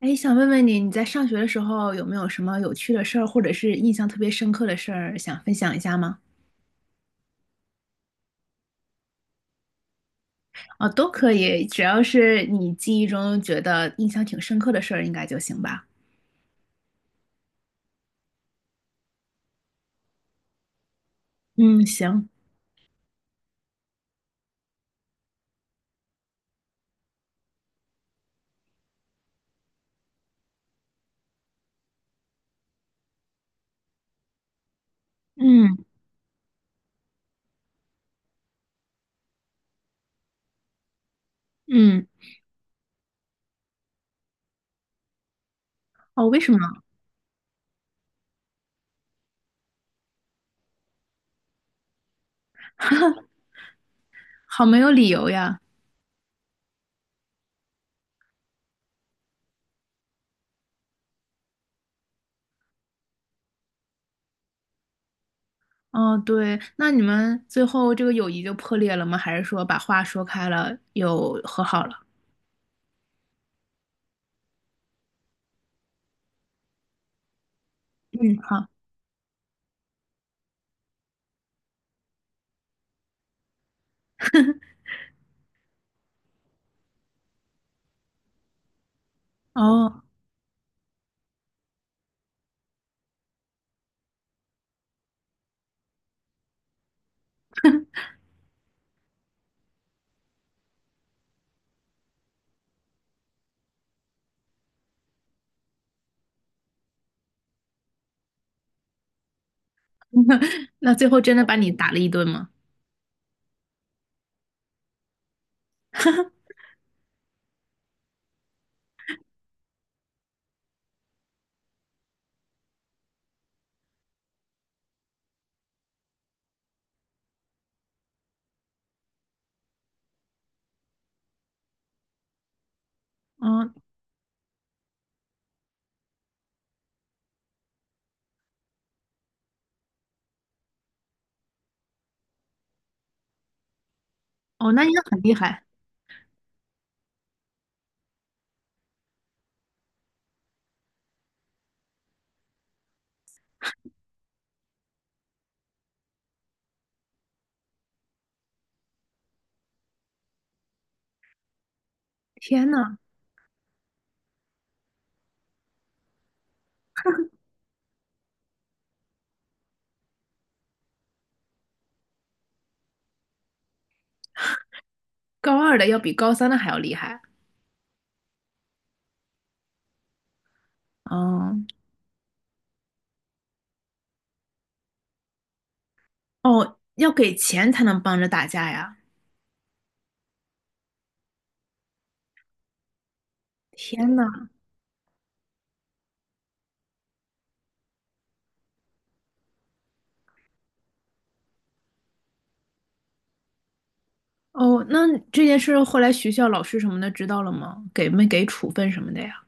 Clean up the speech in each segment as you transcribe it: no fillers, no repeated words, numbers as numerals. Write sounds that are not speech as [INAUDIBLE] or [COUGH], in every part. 哎，想问问你，你在上学的时候有没有什么有趣的事儿，或者是印象特别深刻的事儿，想分享一下吗？哦，都可以，只要是你记忆中觉得印象挺深刻的事儿，应该就行吧。嗯，行，嗯嗯，哦，为什么？好没有理由呀。哦，对，那你们最后这个友谊就破裂了吗？还是说把话说开了，又和好了？嗯，好。哦，[LAUGHS] 那最后真的把你打了一顿吗？哦哦，那应该很厉害。天呐！高二的要比高三的还要厉害哦，哦，要给钱才能帮着打架呀！天呐，哦，那这件事后来学校老师什么的知道了吗？给没给处分什么的呀？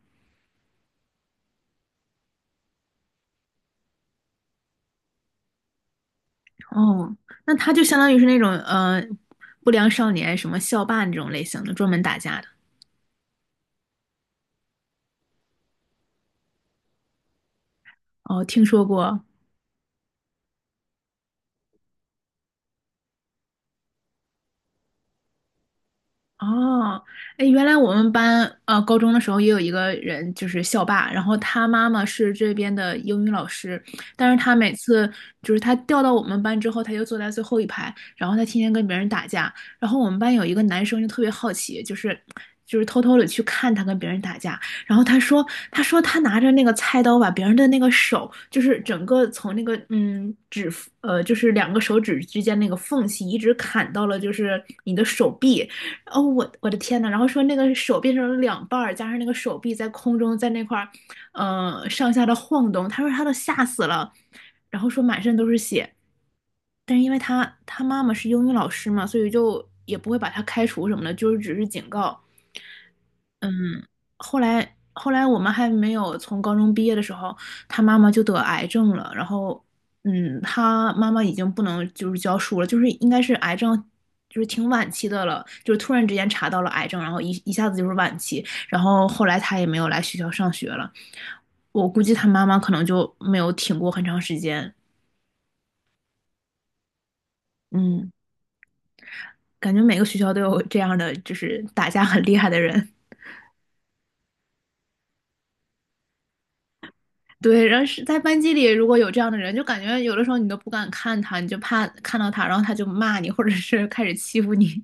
哦，那他就相当于是那种不良少年，什么校霸那种类型的，专门打架的。哦，听说过，哦，哎，原来我们班高中的时候也有一个人就是校霸，然后他妈妈是这边的英语老师，但是他每次就是他调到我们班之后，他就坐在最后一排，然后他天天跟别人打架，然后我们班有一个男生就特别好奇，就是偷偷的去看他跟别人打架，然后他说他拿着那个菜刀把别人的那个手，就是整个从那个指就是两个手指之间那个缝隙一直砍到了就是你的手臂。哦，我的天呐！然后说那个手变成了两半儿，加上那个手臂在空中在那块儿，上下的晃动。他说他都吓死了，然后说满身都是血。但是因为他妈妈是英语老师嘛，所以就也不会把他开除什么的，就是只是警告。嗯，后来我们还没有从高中毕业的时候，他妈妈就得癌症了。然后，他妈妈已经不能就是教书了，就是应该是癌症，就是挺晚期的了，就是突然之间查到了癌症，然后一下子就是晚期。然后后来他也没有来学校上学了，我估计他妈妈可能就没有挺过很长时间。嗯，感觉每个学校都有这样的，就是打架很厉害的人。对，然后是在班级里，如果有这样的人，就感觉有的时候你都不敢看他，你就怕看到他，然后他就骂你，或者是开始欺负你。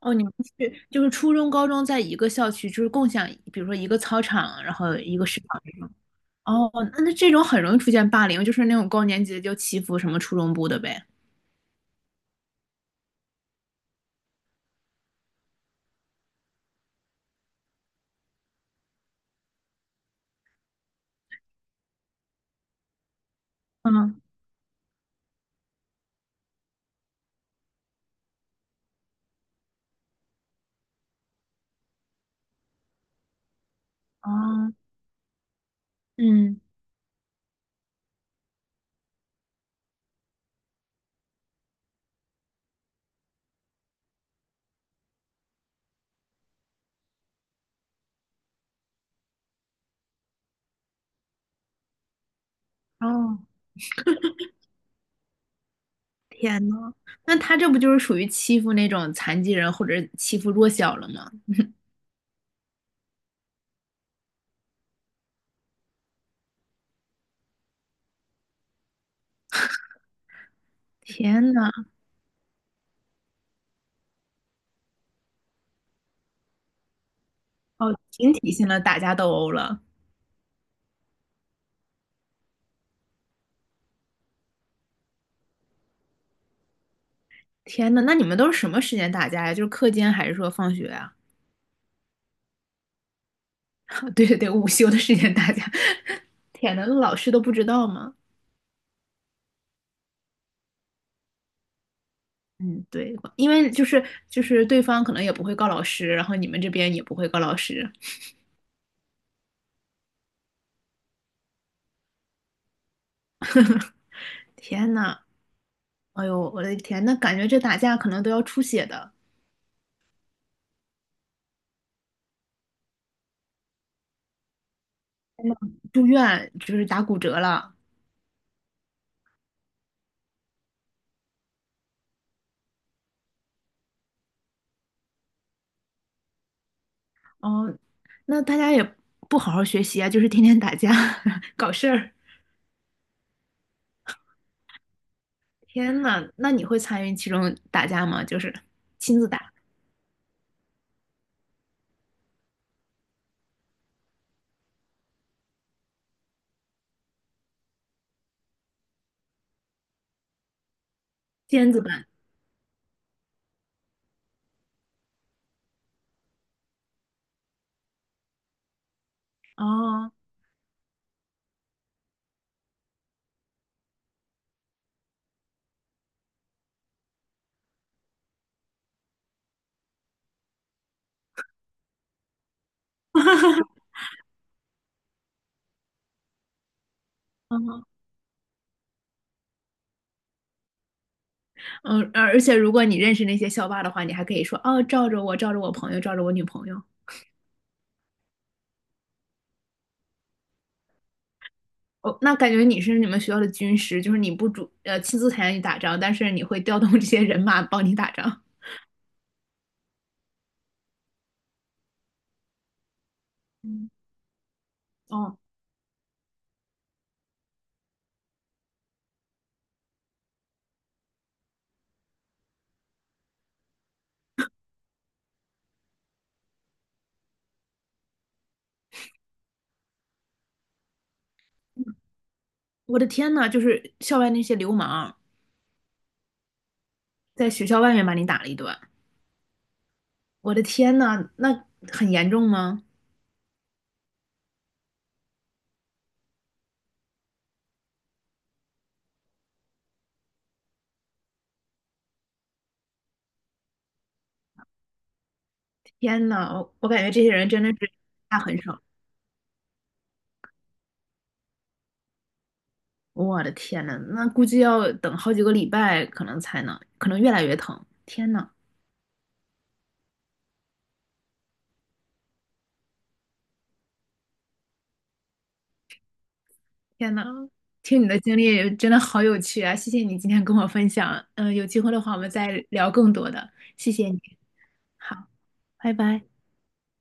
哦，你们是就是初中、高中在一个校区，就是共享，比如说一个操场，然后一个食堂这种。哦，那这种很容易出现霸凌，就是那种高年级的就欺负什么初中部的呗。嗯，哦，嗯，哦，天呐，那他这不就是属于欺负那种残疾人或者欺负弱小了吗？天呐，哦，群体性的打架斗殴了。天呐，那你们都是什么时间打架呀？就是课间还是说放学啊？[LAUGHS] 对对对，午休的时间打架。[LAUGHS] 天呐，那老师都不知道吗？嗯，对，因为就是对方可能也不会告老师，然后你们这边也不会告老师。[LAUGHS] 天呐，哎呦，我的天，那感觉这打架可能都要出血的，住院就是打骨折了。哦，那大家也不好好学习啊，就是天天打架 [LAUGHS] 搞事儿。天呐，那你会参与其中打架吗？就是亲自打。尖子班哦，嗯嗯，而且如果你认识那些校霸的话，你还可以说哦，罩着我，罩着我朋友，罩着我女朋友。哦，那感觉你是你们学校的军师，就是你不亲自参与打仗，但是你会调动 [LAUGHS] 这些人马帮你打仗。嗯，哦，我的天呐，就是校外那些流氓在学校外面把你打了一顿，我的天呐，那很严重吗？天呐，我感觉这些人真的是下狠手。我的天呐，那估计要等好几个礼拜，可能才能，可能越来越疼。天呐，天呐，听你的经历真的好有趣啊！谢谢你今天跟我分享，有机会的话我们再聊更多的，谢谢你。好，拜拜。